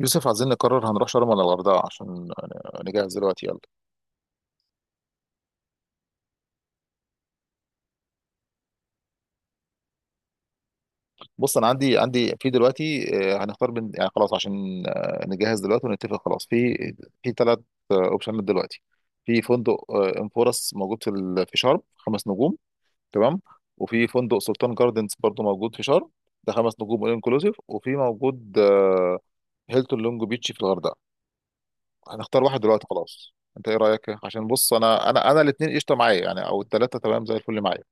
يوسف، عايزين نقرر هنروح شرم ولا الغردقة عشان نجهز دلوقتي، يلا. بص انا عندي في دلوقتي، هنختار بين، يعني خلاص عشان نجهز دلوقتي ونتفق خلاص في ثلاث اوبشنات دلوقتي. في فندق انفورس موجود في في شرم، خمس نجوم، تمام. وفي فندق سلطان جاردنز برضو موجود في شرم، ده خمس نجوم انكلوزيف. وفي موجود هيلتون لونج بيتش في الغردقه. هنختار واحد دلوقتي خلاص، انت ايه رايك؟ عشان بص انا الاثنين قشطه معايا، يعني او الثلاثه تمام زي الفل معايا.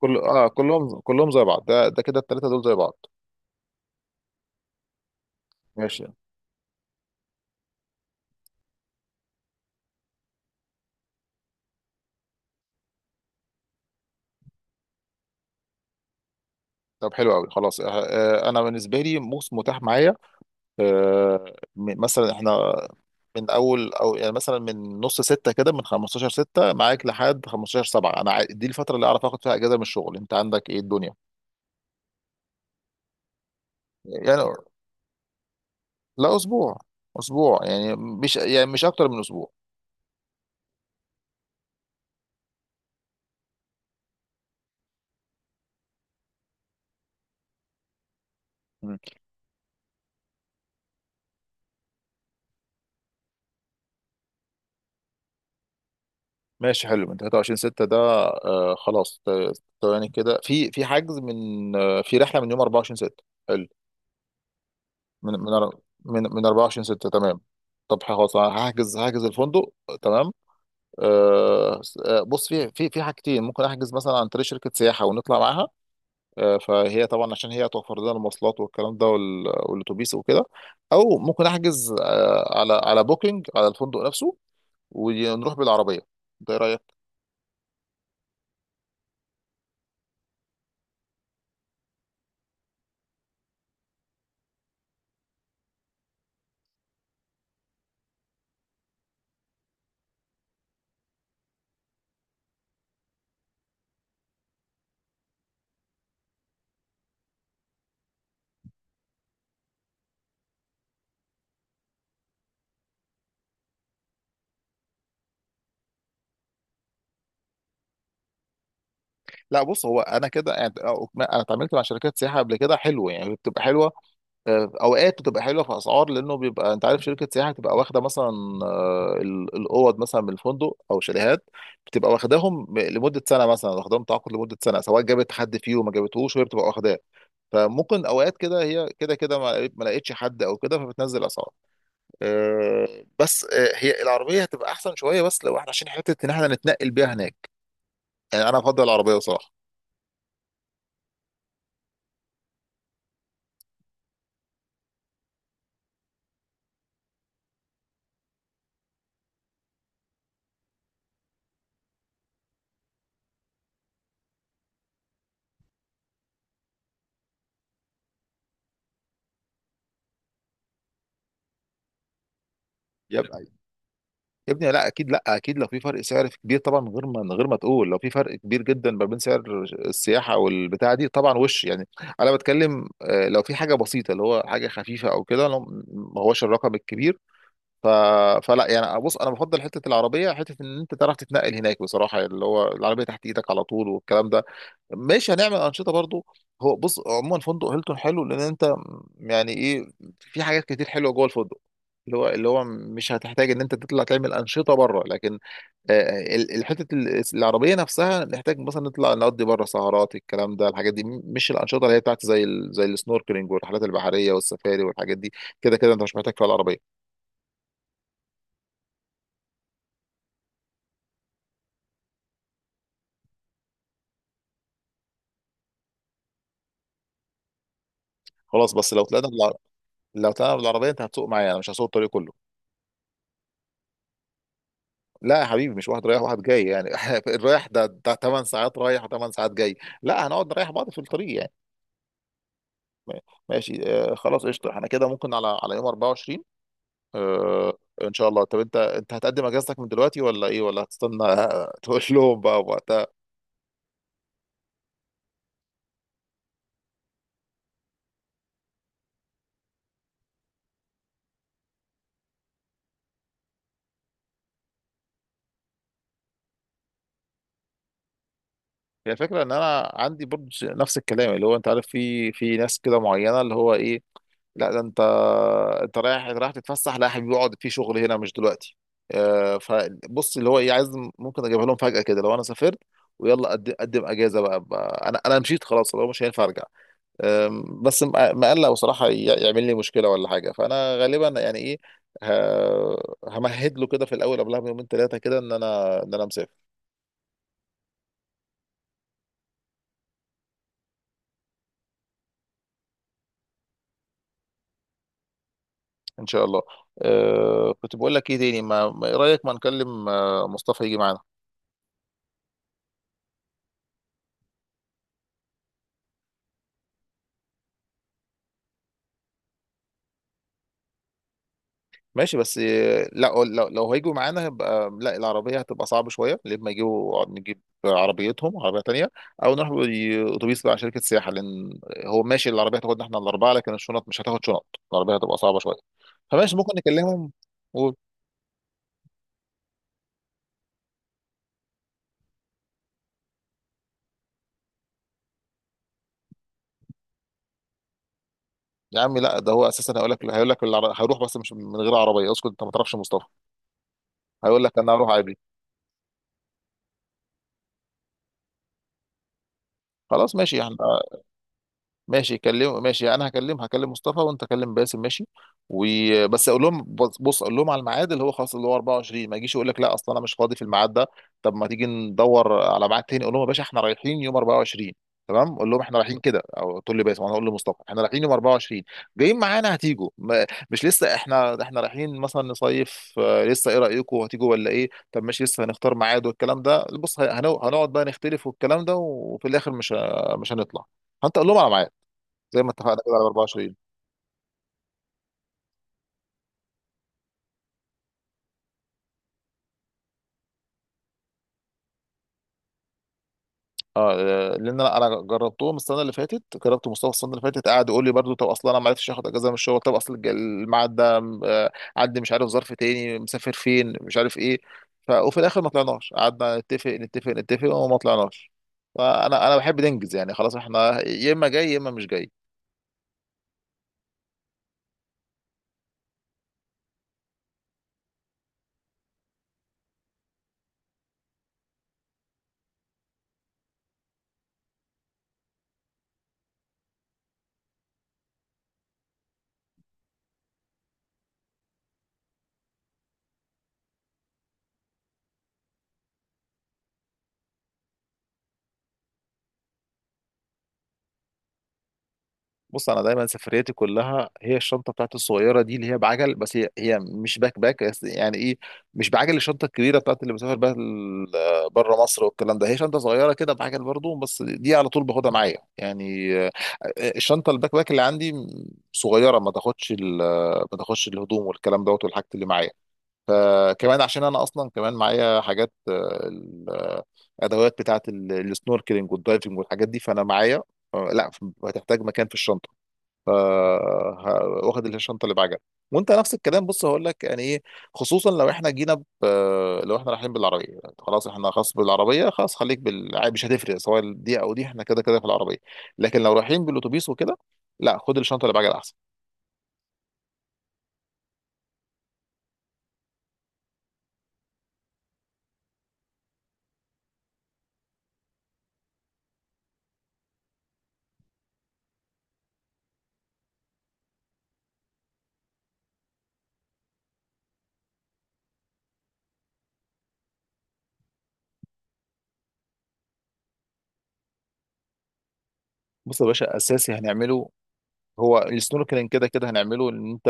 كل اه كلهم كلهم زي بعض، ده كده الثلاثه دول زي بعض. ماشي، طب حلو قوي خلاص. انا بالنسبه لي موس متاح معايا. آه، مثلا احنا من اول، او يعني مثلا من نص ستة كده، من 15 ستة معاك لحد 15 سبعة، دي الفتره اللي اعرف اخد فيها اجازه من الشغل. انت عندك ايه الدنيا؟ يعني لا، اسبوع. اسبوع يعني مش اكتر من اسبوع. مم. ماشي حلو، من 23 ستة ده. خلاص، يعني كده في حجز، من آه في رحله من يوم 24 ستة. من من أر- من من 24 6، تمام. طب خلاص، أنا هحجز الفندق. تمام. أه س- آه، بص في حاجتين، ممكن احجز مثلا عن طريق شركه سياحه ونطلع معاها. فهي طبعا عشان هي توفر لنا المواصلات والكلام ده والاتوبيس وكده. او ممكن احجز على بوكينج، على الفندق نفسه، ونروح بالعربيه. انت ايه رايك؟ لا بص، هو انا كده يعني، انا اتعاملت مع شركات سياحه قبل كده حلوه، يعني بتبقى حلوه. اوقات بتبقى حلوه في اسعار، لانه بيبقى انت عارف شركه سياحه بتبقى واخده مثلا الاوض مثلا من الفندق، او شاليهات. بتبقى واخداهم لمده سنه، مثلا واخداهم تعاقد لمده سنه، سواء جابت حد فيهم ما جابتهوش وهي بتبقى واخداه. فممكن اوقات كده هي كده كده ما لقيتش حد او كده، فبتنزل اسعار. بس هي العربيه هتبقى احسن شويه، بس لو احنا عشان حته ان احنا نتنقل بيها هناك. يعني انا افضل العربيه بصراحه. يبقى يا ابني، لا اكيد، لا اكيد، لو في فرق سعر كبير طبعا، من غير ما تقول، لو في فرق كبير جدا ما بين سعر السياحه والبتاع دي طبعا، وش يعني. انا بتكلم لو في حاجه بسيطه اللي هو حاجه خفيفه او كده، لو ما هوش الرقم الكبير. ف... فلا يعني، بص انا بفضل حته العربيه، حته ان انت تعرف تتنقل هناك بصراحه، يعني اللي هو العربيه تحت ايدك على طول والكلام ده. ماشي، هنعمل انشطه برضو. هو بص، عموما فندق هيلتون حلو، لان انت يعني ايه، في حاجات كتير حلوه جوه الفندق، اللي هو مش هتحتاج ان انت تطلع تعمل انشطه بره. لكن آه، الحته العربيه نفسها نحتاج مثلا نطلع نقضي بره سهرات، الكلام ده الحاجات دي، مش الانشطه اللي هي بتاعت زي السنوركلينج والرحلات البحريه والسفاري والحاجات دي، كده كده انت مش محتاج فيها العربيه. خلاص، بس لو طلعنا بالعربيه انت هتسوق معايا، انا مش هسوق الطريق كله. لا يا حبيبي، مش واحد رايح واحد جاي يعني، الرايح ده 8 ساعات رايح و8 ساعات جاي. لا، هنقعد نريح بعض في الطريق يعني. م- ماشي، خلاص قشطه، احنا كده ممكن على يوم 24. آه ان شاء الله. طب انت، هتقدم اجازتك من دلوقتي ولا ايه، ولا هتستنى تقول لهم بقى وقتها؟ هي الفكره ان انا عندي برضه نفس الكلام، اللي هو انت عارف في ناس كده معينه، اللي هو ايه، لا ده انت، رايح رايح تتفسح، لا يا حبيبي اقعد في شغل هنا مش دلوقتي. فبص اللي هو ايه عايز، ممكن اجيبها لهم فجأة كده لو انا سافرت. ويلا، قدم قدم اجازه بقى، انا مشيت خلاص، لو مش هينفع ارجع. بس مقلق بصراحه، يعمل لي مشكله ولا حاجه، فانا غالبا يعني ايه، ه- همهد له كده في الاول قبلها بيومين ثلاثه كده ان انا، مسافر. ان شاء الله. كنت بقول لك ايه تاني، ايه رايك ما نكلم مصطفى يجي معانا. ماشي، بس لا، لو هيجوا معانا هيبقى لا، العربية هتبقى صعبة شوية، لما يجوا نجيب عربيتهم عربية تانية. أو نروح بأتوبيس بقى شركة سياحة، لأن هو ماشي العربية هتاخدنا احنا الأربعة لكن الشنط مش هتاخد شنط، العربية هتبقى صعبة شوية. فماشي ممكن نكلمهم و... يا عم لا، ده هو أساسا هيقول لك، هيروح بس مش من غير عربية. اسكت أنت ما تعرفش مصطفى، هيقول لك أنا هروح عادي. خلاص ماشي احنا، ماشي كلم، ماشي. انا هكلم مصطفى وانت كلم باسم، ماشي. وبس اقول لهم، بص بص، اقول لهم على الميعاد اللي هو خلاص اللي هو 24، ما يجيش يقول لك لا اصلا انا مش فاضي في الميعاد ده. طب ما تيجي ندور على ميعاد تاني، اقول لهم يا باشا احنا رايحين يوم 24، تمام؟ اقول لهم احنا رايحين كده، او تقول لي باسم انا اقول لمصطفى احنا رايحين يوم 24، جايين معانا هتيجوا؟ مش لسه احنا، رايحين مثلا نصيف لسه، ايه رايكم هتيجوا ولا ايه؟ طب ماشي لسه هنختار ميعاد والكلام ده، بص هنقعد بقى نختلف والكلام ده، وفي الاخر مش هنطلع. فانت قول لهم على ميعاد زي ما اتفقنا كده على 24. اه. لان انا جربتهم السنه اللي فاتت، جربت مصطفى السنه اللي فاتت، قعد يقول لي برضو طب اصلا انا ما عرفتش اخد اجازه من الشغل، طب اصل الميعاد ده آه، عندي، مش عارف ظرف تاني، مسافر فين، مش عارف ايه. وفي الاخر ما طلعناش، قعدنا نتفق نتفق وما طلعناش. فانا بحب ننجز يعني، خلاص احنا يا اما جاي يا اما مش جاي. بص انا دايما سفرياتي كلها هي الشنطه بتاعتي الصغيره دي، اللي هي بعجل. بس هي مش باك باك بس، يعني ايه، مش بعجل الشنطه الكبيره بتاعت اللي بسافر بيها بره مصر والكلام ده، هي شنطه صغيره كده بعجل برضو بس دي على طول باخدها معايا يعني. الشنطه الباك باك اللي عندي صغيره، ما تاخدش ما تاخدش الهدوم والكلام دوت والحاجات اللي معايا. فكمان عشان انا اصلا كمان معايا حاجات ادوات بتاعت السنوركلينج والدايفنج والحاجات دي، فانا معايا لا، هتحتاج مكان في الشنطه. واخد الشنطه اللي بعجل. وانت نفس الكلام بص هقول لك يعني ايه. خصوصا لو احنا لو احنا رايحين بالعربيه، يعني خلاص احنا خلاص بالعربيه خلاص، مش هتفرق سواء دي او دي، احنا كده كده في العربيه. لكن لو رايحين بالاتوبيس وكده، لا خد الشنطه اللي بعجل احسن. بص يا باشا، اساسي هنعمله هو السنوركلينج، كده كده هنعمله ان انت،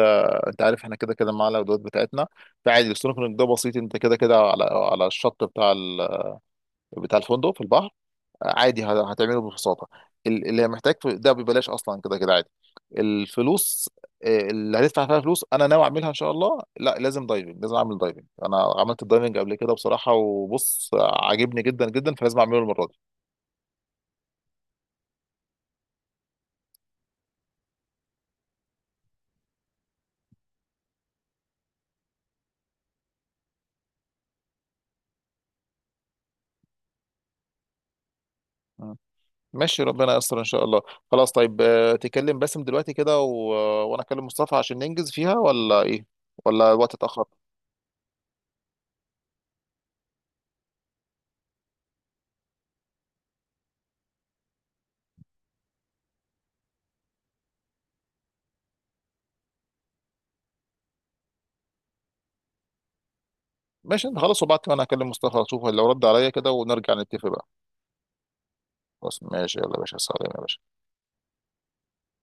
انت عارف احنا كده كده معانا الادوات بتاعتنا. فعادي السنوركلينج ده بسيط، انت كده كده على الشط بتاع الفندق في البحر، عادي هتعمله ببساطه. اللي محتاج ده ببلاش، اصلا كده كده عادي. الفلوس اللي هتدفع فيها فلوس، انا ناوي اعملها ان شاء الله، لا لازم دايفنج، لازم اعمل دايفنج. انا عملت الدايفنج قبل كده بصراحه وبص عاجبني جدا جدا، فلازم اعمله المره دي. مم. ماشي، ربنا يستر ان شاء الله. خلاص طيب، تكلم باسم دلوقتي كده وانا اكلم مصطفى عشان ننجز فيها، ولا ايه ولا الوقت اتاخر؟ ماشي انت خلاص، وبعد كده انا هكلم مصطفى اشوف لو رد عليا كده، ونرجع نتفق بقى. خلاص ماشي، يلا يا باشا، سلام يا باشا.